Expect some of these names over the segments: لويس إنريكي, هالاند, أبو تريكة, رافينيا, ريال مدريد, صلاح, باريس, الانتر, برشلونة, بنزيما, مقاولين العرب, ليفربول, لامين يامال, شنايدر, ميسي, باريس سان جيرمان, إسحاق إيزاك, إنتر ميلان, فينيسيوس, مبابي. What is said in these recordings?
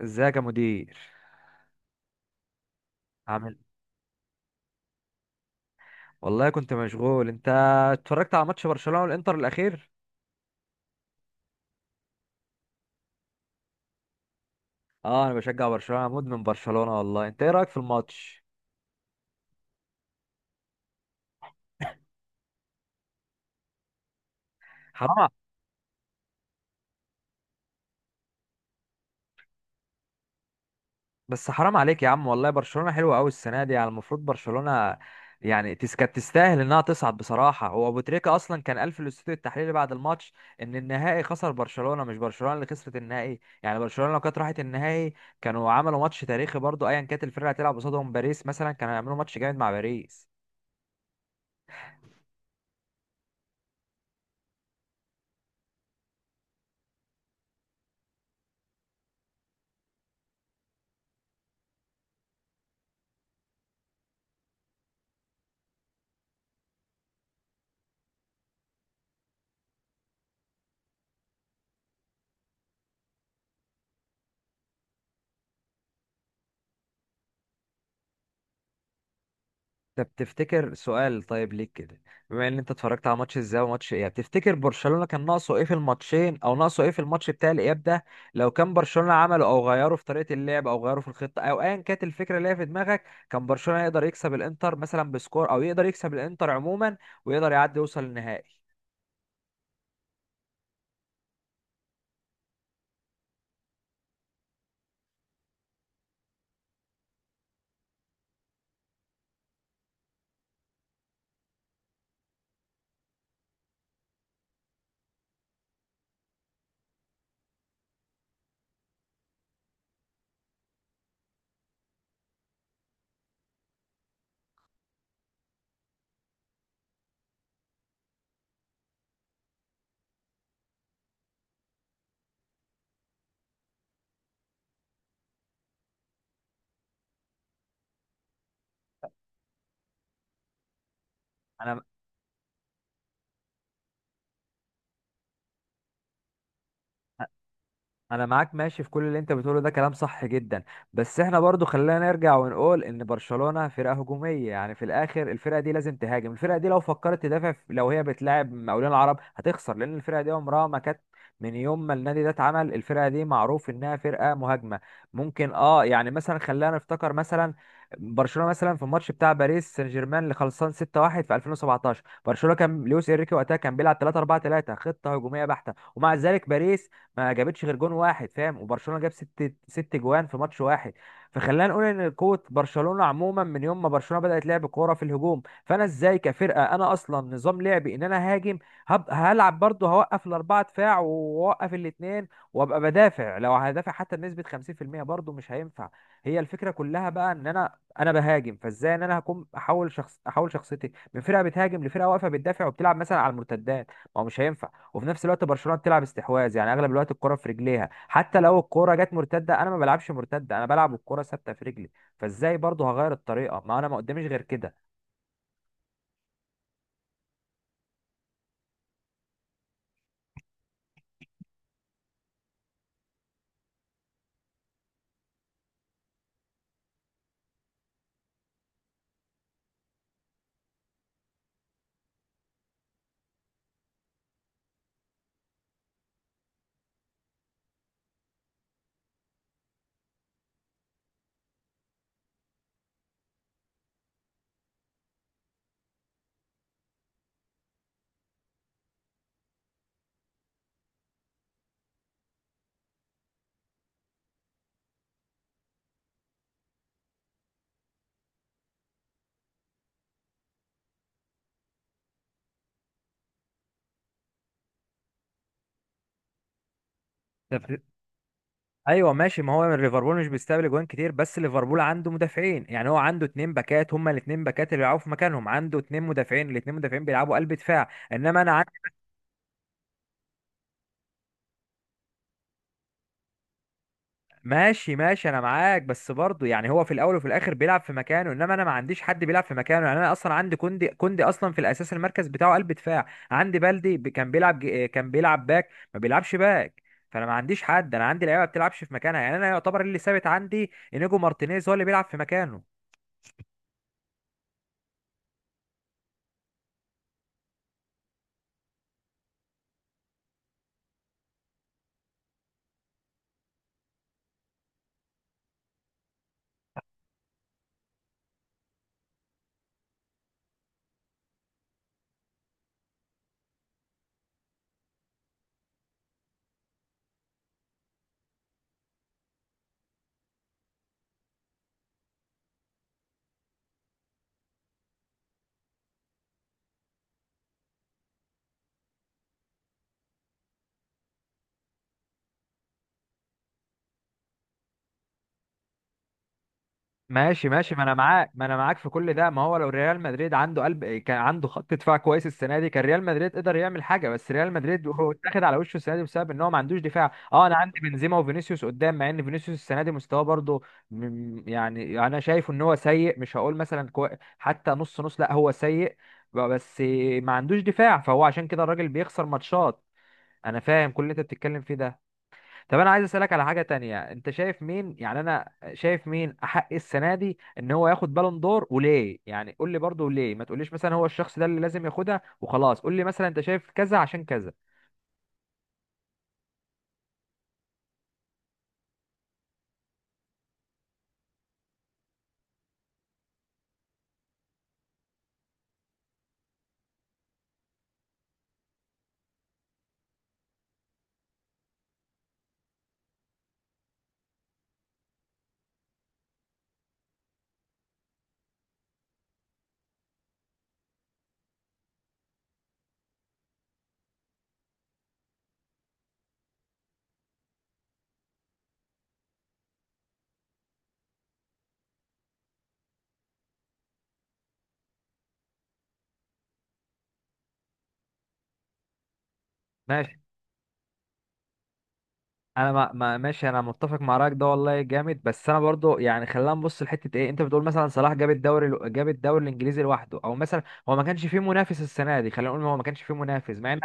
ازيك يا مدير. عامل والله، كنت مشغول. انت اتفرجت على ماتش برشلونة والانتر الاخير؟ اه، انا بشجع برشلونة. أنا مدمن برشلونة والله. انت ايه رايك في الماتش؟ حرام ع- بس حرام عليك يا عم والله، برشلونة حلوة قوي السنة دي. يعني المفروض برشلونة يعني كانت تستاهل انها تصعد بصراحة. هو ابو تريكة اصلا كان قال في الاستوديو التحليلي بعد الماتش ان النهائي خسر برشلونة، مش برشلونة اللي خسرت النهائي. يعني برشلونة لو كانت راحت النهائي كانوا عملوا ماتش تاريخي برضو، ايا كانت الفرقة هتلعب قصادهم، باريس مثلا كانوا هيعملوا ماتش جامد مع باريس. طب تفتكر، سؤال طيب ليك كده، بما ان انت اتفرجت على ماتش ازاي وماتش اياب، تفتكر برشلونة كان ناقصه ايه في الماتشين، او ناقصه ايه في الماتش بتاع الاياب ده؟ لو كان برشلونة عمله او غيره في طريقة اللعب، او غيره في الخطة، او ايا كانت الفكرة اللي هي في دماغك، كان برشلونة يقدر يكسب الانتر مثلا بسكور، او يقدر يكسب الانتر عموما ويقدر يعدي يوصل النهائي. انا انا معاك ماشي في كل اللي انت بتقوله ده، كلام صح جدا. بس احنا برضو خلينا نرجع ونقول ان برشلونة فرقة هجومية، يعني في الاخر الفرقة دي لازم تهاجم. الفرقة دي لو فكرت تدافع لو هي بتلاعب مقاولين العرب هتخسر، لان الفرقة دي عمرها ما كانت، من يوم ما النادي ده اتعمل الفرقة دي معروف انها فرقة مهاجمة. ممكن اه يعني مثلا، خلينا نفتكر مثلا برشلونة مثلا في الماتش بتاع باريس سان جيرمان اللي خلصان 6-1 في 2017، برشلونة كان لويس انريكي وقتها كان بيلعب 3 4 3، خطة هجومية بحتة، ومع ذلك باريس ما جابتش غير جون واحد فاهم، وبرشلونه جاب ست ست جوان في ماتش واحد. فخلينا نقول ان قوه برشلونه عموما، من يوم ما برشلونه بدات لعب كوره في الهجوم، فانا ازاي كفرقه انا اصلا نظام لعبي ان انا هاجم، هلعب برضه هوقف الاربعه دفاع واوقف الاثنين وابقى بدافع؟ لو هدافع حتى بنسبه 50% برضه مش هينفع. هي الفكره كلها بقى ان انا بهاجم، فازاي ان انا هكون احول شخصيتي من فرقه بتهاجم لفرقه واقفه بتدافع وبتلعب مثلا على المرتدات؟ ما هو مش هينفع. وفي نفس الوقت برشلونه بتلعب استحواذ، يعني اغلب الوقت الكره في رجليها، حتى لو الكره جت مرتده انا ما بلعبش مرتده، انا بلعب الكره ثابته في رجلي. فازاي برضه هغير الطريقه ما انا ما قداميش غير كده؟ طب ايوه ماشي، ما هو ليفربول مش بيستقبل جوان كتير بس ليفربول عنده مدافعين. يعني هو عنده اتنين باكات، هما الاتنين باكات اللي بيلعبوا في مكانهم، عنده اتنين مدافعين، الاتنين مدافعين بيلعبوا قلب دفاع، انما انا ماشي ماشي، انا معاك، بس برضه يعني هو في الاول وفي الاخر بيلعب في مكانه، انما انا ما عنديش حد بيلعب في مكانه. يعني انا اصلا عندي كوندي اصلا في الاساس المركز بتاعه قلب دفاع، عندي بلدي كان بيلعب باك، ما بيلعبش باك، فانا ما عنديش حد، انا عندي لعيبه ما بتلعبش في مكانها. يعني انا يعتبر اللي ثابت عندي انيجو مارتينيز هو اللي بيلعب في مكانه. ماشي ماشي، ما انا معاك، ما انا معاك في كل ده، ما هو لو ريال مدريد عنده قلب، كان عنده خط دفاع كويس السنه دي كان ريال مدريد قدر يعمل حاجه. بس ريال مدريد هو اتاخد على وشه السنه دي بسبب ان هو ما عندوش دفاع. اه، انا عندي بنزيما وفينيسيوس قدام، مع ان فينيسيوس السنه دي مستواه برضه يعني انا شايف ان هو سيء. مش هقول مثلا حتى نص نص، لا هو سيء، بس ما عندوش دفاع فهو عشان كده الراجل بيخسر ماتشات. انا فاهم كل اللي انت بتتكلم فيه ده. طب انا عايز اسالك على حاجه تانية، انت شايف مين؟ يعني انا شايف مين احق السنه دي ان هو ياخد بالون دور وليه؟ يعني قول لي برضه ليه، ما تقوليش مثلا هو الشخص ده اللي لازم ياخدها وخلاص، قول لي مثلا انت شايف كذا عشان كذا. ماشي، انا ما ماشي، انا متفق مع رايك ده والله جامد. بس انا برضه يعني خلينا نبص لحته ايه، انت بتقول مثلا صلاح جاب الدوري جاب الدوري الانجليزي لوحده، او مثلا هو ما كانش فيه منافس السنه دي، خلينا نقول هو ما كانش فيه منافس، مع ان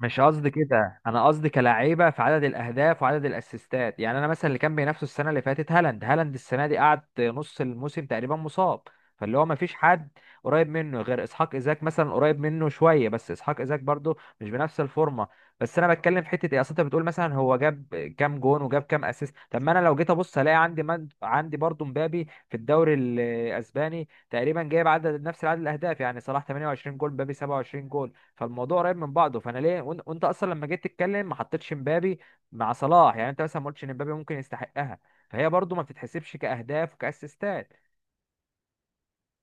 مش قصدي كده. انا قصدي كلاعيبه في عدد الاهداف وعدد الاسيستات، يعني انا مثلا اللي كان بينافسه السنه اللي فاتت هالاند، هالاند السنه دي قعد نص الموسم تقريبا مصاب، فاللي هو ما فيش حد قريب منه غير اسحاق ايزاك مثلا قريب منه شويه، بس اسحاق ايزاك برضه مش بنفس الفورمه. بس انا بتكلم في حته ايه، اصل انت بتقول مثلا هو جاب كام جون وجاب كام اسيست، طب ما انا لو جيت ابص الاقي عندي عندي برضه مبابي في الدوري الاسباني تقريبا جايب عدد نفس عدد الاهداف، يعني صلاح 28 جول، مبابي 27 جول، فالموضوع قريب من بعضه. فانا ليه وانت اصلا لما جيت تتكلم ما حطيتش مبابي مع صلاح؟ يعني انت مثلا ما قلتش ان مبابي ممكن يستحقها، فهي برضو ما بتتحسبش كاهداف وكاسيستات.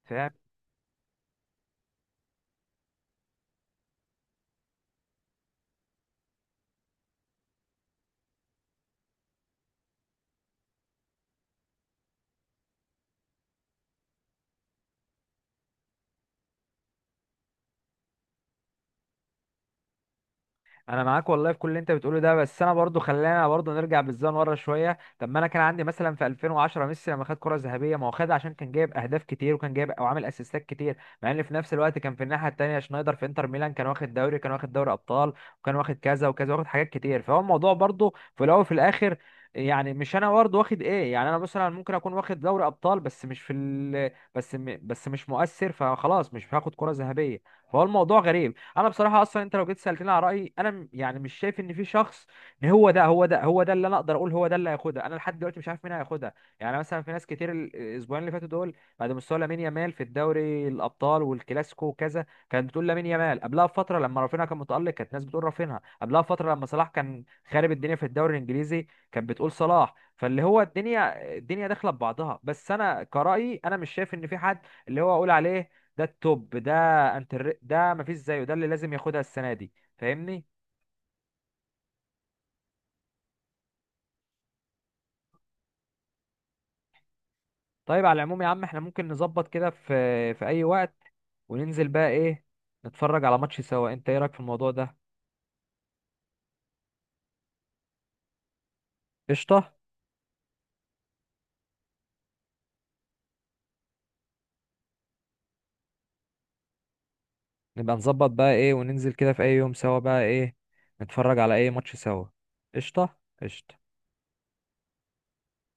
فاهم؟ انا معاك والله في كل اللي انت بتقوله ده، بس انا برضو خلينا برضو نرجع بالزمن ورا شويه. طب ما انا كان عندي مثلا في 2010 ميسي لما خد كره ذهبيه، ما هو خدها عشان كان جايب اهداف كتير وكان جايب او عامل اسيستات كتير، مع ان في نفس الوقت كان في الناحيه التانيه شنايدر في انتر ميلان كان واخد دوري، كان واخد دوري ابطال، وكان واخد كذا وكذا، واخد حاجات كتير. فهو الموضوع برضو في الاول وفي الاخر، يعني مش انا برضه واخد ايه؟ يعني انا مثلا ممكن اكون واخد دوري ابطال، بس مش في ال... بس م... بس مش مؤثر، فخلاص مش هاخد كره ذهبيه. فهو الموضوع غريب. انا بصراحه اصلا، انت لو جيت سالتني على رايي، انا يعني مش شايف ان في شخص ان هو ده اللي انا اقدر اقول هو ده اللي هياخدها. انا لحد دلوقتي مش عارف مين هياخدها. يعني مثلا في ناس كتير الاسبوعين اللي فاتوا دول بعد مستوى لامين يامال في الدوري الابطال والكلاسيكو وكذا كانت بتقول لامين يامال، قبلها بفتره لما رافينها كان متالق كانت ناس بتقول رافينها، قبلها بفتره لما صلاح كان خارب الدنيا في الدوري الانجليزي كانت بتقول صلاح. فاللي هو الدنيا الدنيا داخله ببعضها. بس انا كرايي انا مش شايف ان في حد اللي هو اقول عليه ده التوب ده، انت ده مفيش زيه ده اللي لازم ياخدها السنه دي فاهمني؟ طيب على العموم يا عم، احنا ممكن نظبط كده في اي وقت وننزل بقى ايه نتفرج على ماتش سوا. انت ايه رايك في الموضوع ده؟ قشطه. نبقى نظبط بقى ايه وننزل كده في اي يوم سوا بقى ايه نتفرج على اي ماتش سوا. قشطه. قشطه.